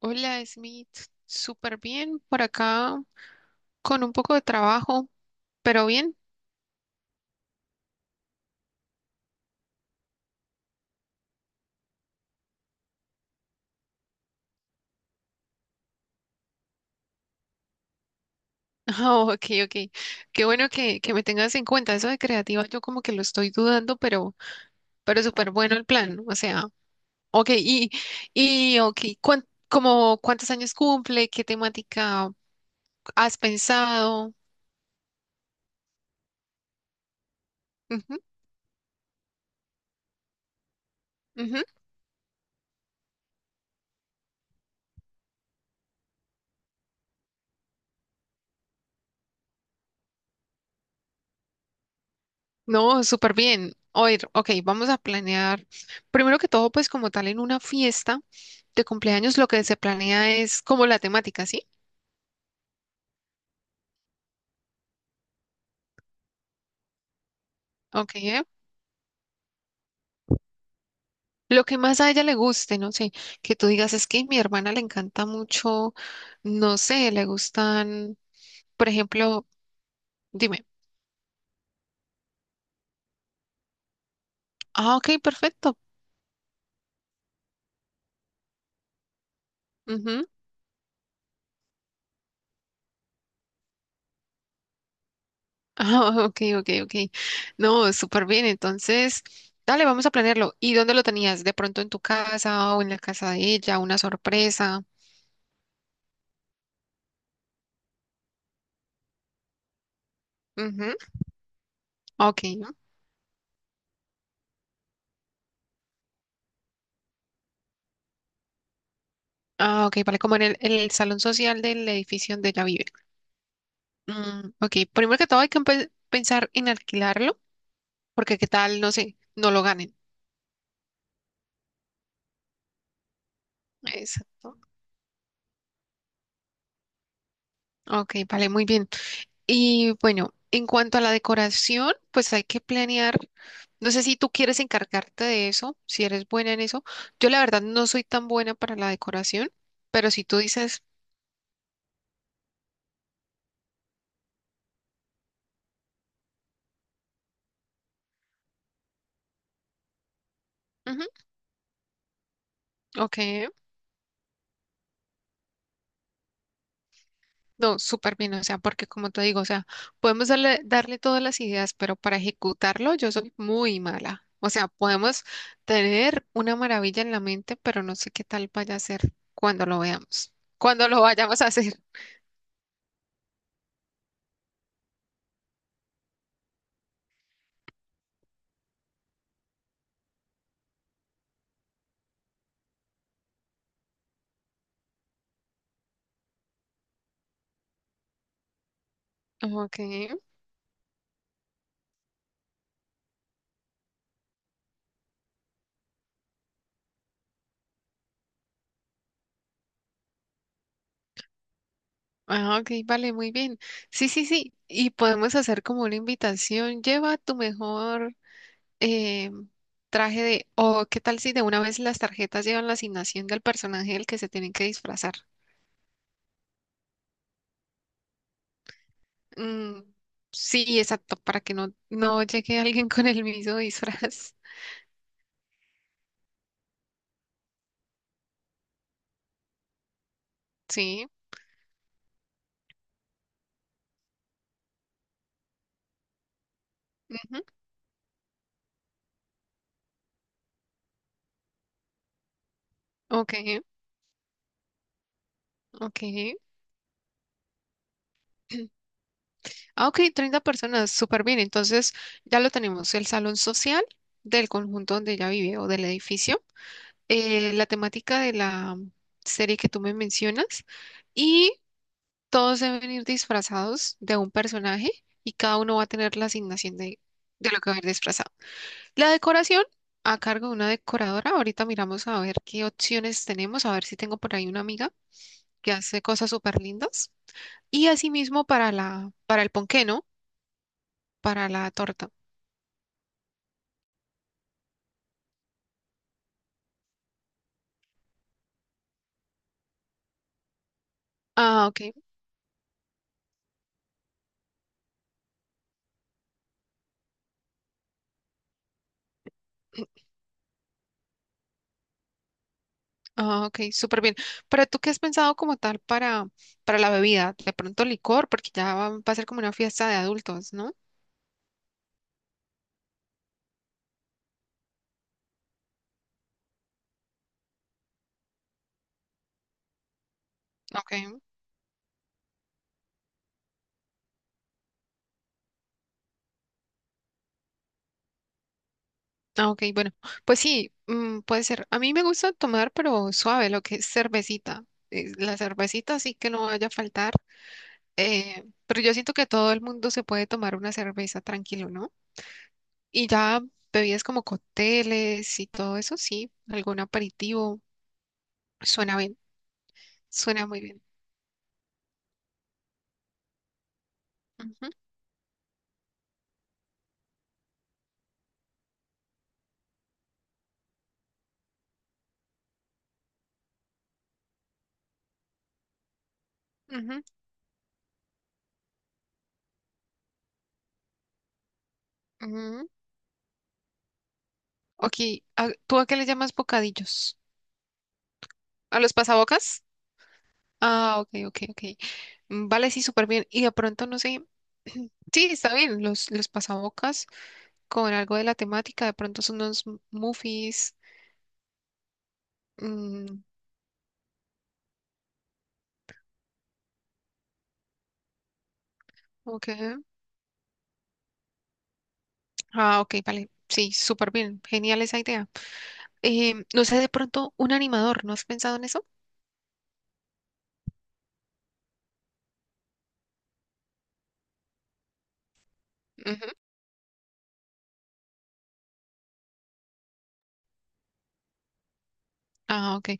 Hola, Smith. Súper bien por acá, con un poco de trabajo, pero bien. Ah, ok, ok. Qué bueno que me tengas en cuenta. Eso de creativa, yo como que lo estoy dudando, pero súper bueno el plan. O sea, ok, y ok, ¿como cuántos años cumple? ¿Qué temática has pensado? Ujú, ujú. No, súper bien. Oír, ok, vamos a planear. Primero que todo, pues como tal, en una fiesta de cumpleaños lo que se planea es como la temática, ¿sí? Ok, Lo que más a ella le guste, no sé, que tú digas es que mi hermana le encanta mucho, no sé, le gustan, por ejemplo, dime, ah, ok, perfecto. Ujú, Ah, ok, ok, ok. No, súper bien. Entonces, dale, vamos a planearlo. ¿Y dónde lo tenías? ¿De pronto en tu casa o en la casa de ella? ¿Una sorpresa? Ujú, ok, ¿no? Ah, ok, vale, como en en el salón social del edificio donde ella vive. Mm, ok, primero que todo hay que pensar en alquilarlo porque qué tal, no sé, no lo ganen. Exacto. Ok, vale, muy bien. Y bueno, en cuanto a la decoración, pues hay que planear. No sé si tú quieres encargarte de eso, si eres buena en eso. Yo la verdad no soy tan buena para la decoración, pero si tú dices, "Ujú, ok. No, súper bien, o sea, porque como te digo, o sea, podemos darle todas las ideas, pero para ejecutarlo yo soy muy mala. O sea, podemos tener una maravilla en la mente, pero no sé qué tal vaya a ser cuando lo veamos, cuando lo vayamos a hacer. Ok, ah, ok, vale, muy bien. Sí, sí, sí, y podemos hacer como una invitación, lleva tu mejor eh, traje de, o qué tal si de una vez las tarjetas llevan la asignación del personaje del que se tienen que disfrazar. Mm, sí, exacto, para que no llegue alguien con el mismo disfraz. Sí. Ujú, ok, ok. Ah, ok, 30 personas, súper bien. Entonces ya lo tenemos, el salón social del conjunto donde ella vive o del edificio, la temática de la serie que tú me mencionas y todos deben ir disfrazados de un personaje y cada uno va a tener la asignación de lo que va a ir disfrazado. La decoración a cargo de una decoradora. Ahorita miramos a ver qué opciones tenemos, a ver si tengo por ahí una amiga que hace cosas súper lindas. Y asimismo para para el ponqué, ¿no? Para la torta. Ah, ok. Ah, ok, súper bien. Pero tú qué has pensado como tal para la bebida. De pronto licor, porque ya va a ser como una fiesta de adultos, ¿no? Ok. Ah, ok, bueno. Pues sí, mm, puede ser. A mí me gusta tomar, pero suave, lo que es cervecita. La cervecita sí que no vaya a faltar. Pero yo siento que todo el mundo se puede tomar una cerveza tranquilo, ¿no? Y ya bebidas como cócteles y todo eso, sí, algún aperitivo, suena bien, suena muy bien. Ujú, ujú, ujú. Ok, ¿tú a qué le llamas bocadillos? ¿A los pasabocas? Ah, ok, ok, ok. Mm, vale, sí, súper bien. Y de pronto, no sé, sí, está bien, los pasabocas con algo de la temática, de pronto son unos muffins. Mm, ok. Ah, ok, vale. Sí, súper bien. Genial esa idea. No sé, de pronto un animador, ¿no has pensado en eso? Ujú. Ah, ok.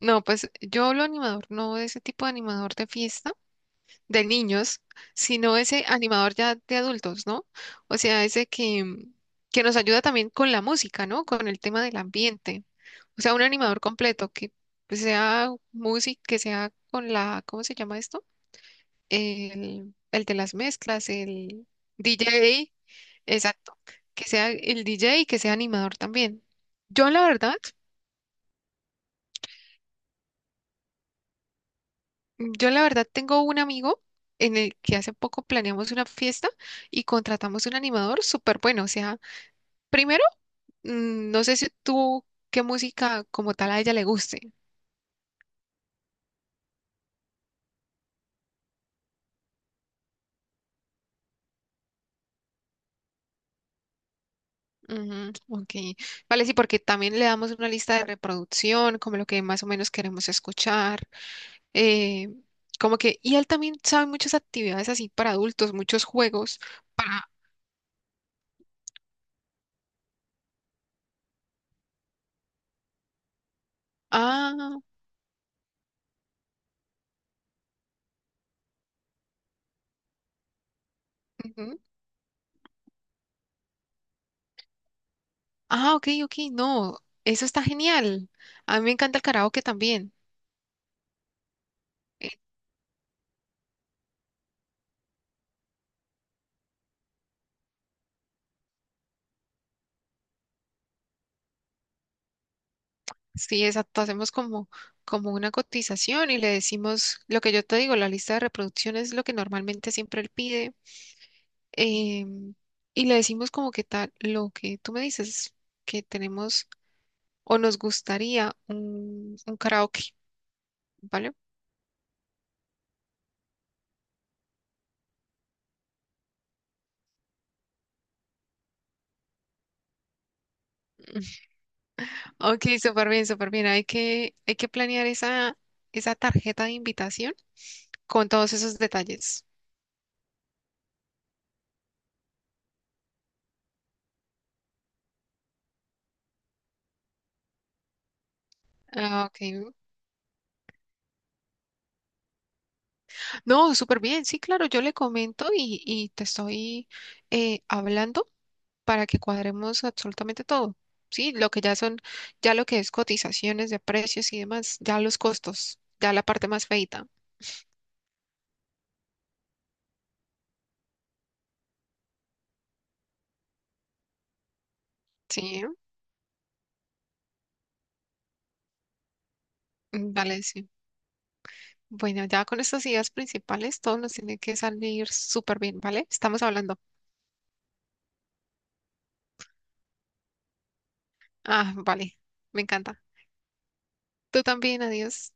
No, pues yo hablo animador, no de ese tipo de animador de fiesta, de niños, sino ese animador ya de adultos, ¿no? O sea, ese que, mm, que nos ayuda también con la música, ¿no? Con el tema del ambiente. O sea, un animador completo que sea música, que sea con la, ¿cómo se llama esto? El de las mezclas, el DJ, exacto, que sea el DJ y que sea animador también. Yo la verdad, yo la verdad tengo un amigo en el que hace poco planeamos una fiesta y contratamos un animador súper bueno. O sea, primero, mm, no sé si tú qué música como tal a ella le guste. Ujú, ok, vale, sí, porque también le damos una lista de reproducción, como lo que más o menos queremos escuchar. eh, Como que, y él también sabe muchas actividades así para adultos, muchos juegos para... Ah, ujú. Ah, ok, ok, no, eso está genial. A mí me encanta el karaoke también. Eh, sí, exacto, hacemos como, como una cotización y le decimos lo que yo te digo, la lista de reproducción es lo que normalmente siempre él pide. em, y le decimos como que tal, lo que tú me dices, que tenemos o nos gustaría un karaoke, ¿vale? Ok, súper bien, súper bien. Hay que planear esa, esa tarjeta de invitación con todos esos detalles. Ah, ok. No, súper bien. Sí, claro, yo le comento y te estoy hablando para que cuadremos absolutamente todo. Sí, lo que ya son, ya lo que es cotizaciones de precios y demás, ya los costos, ya la parte más feita. Sí, mm, vale, sí. Bueno, ya con estas ideas principales, todo nos tiene que salir súper bien, ¿vale? Estamos hablando. Ah, vale, me encanta. Tú también, adiós.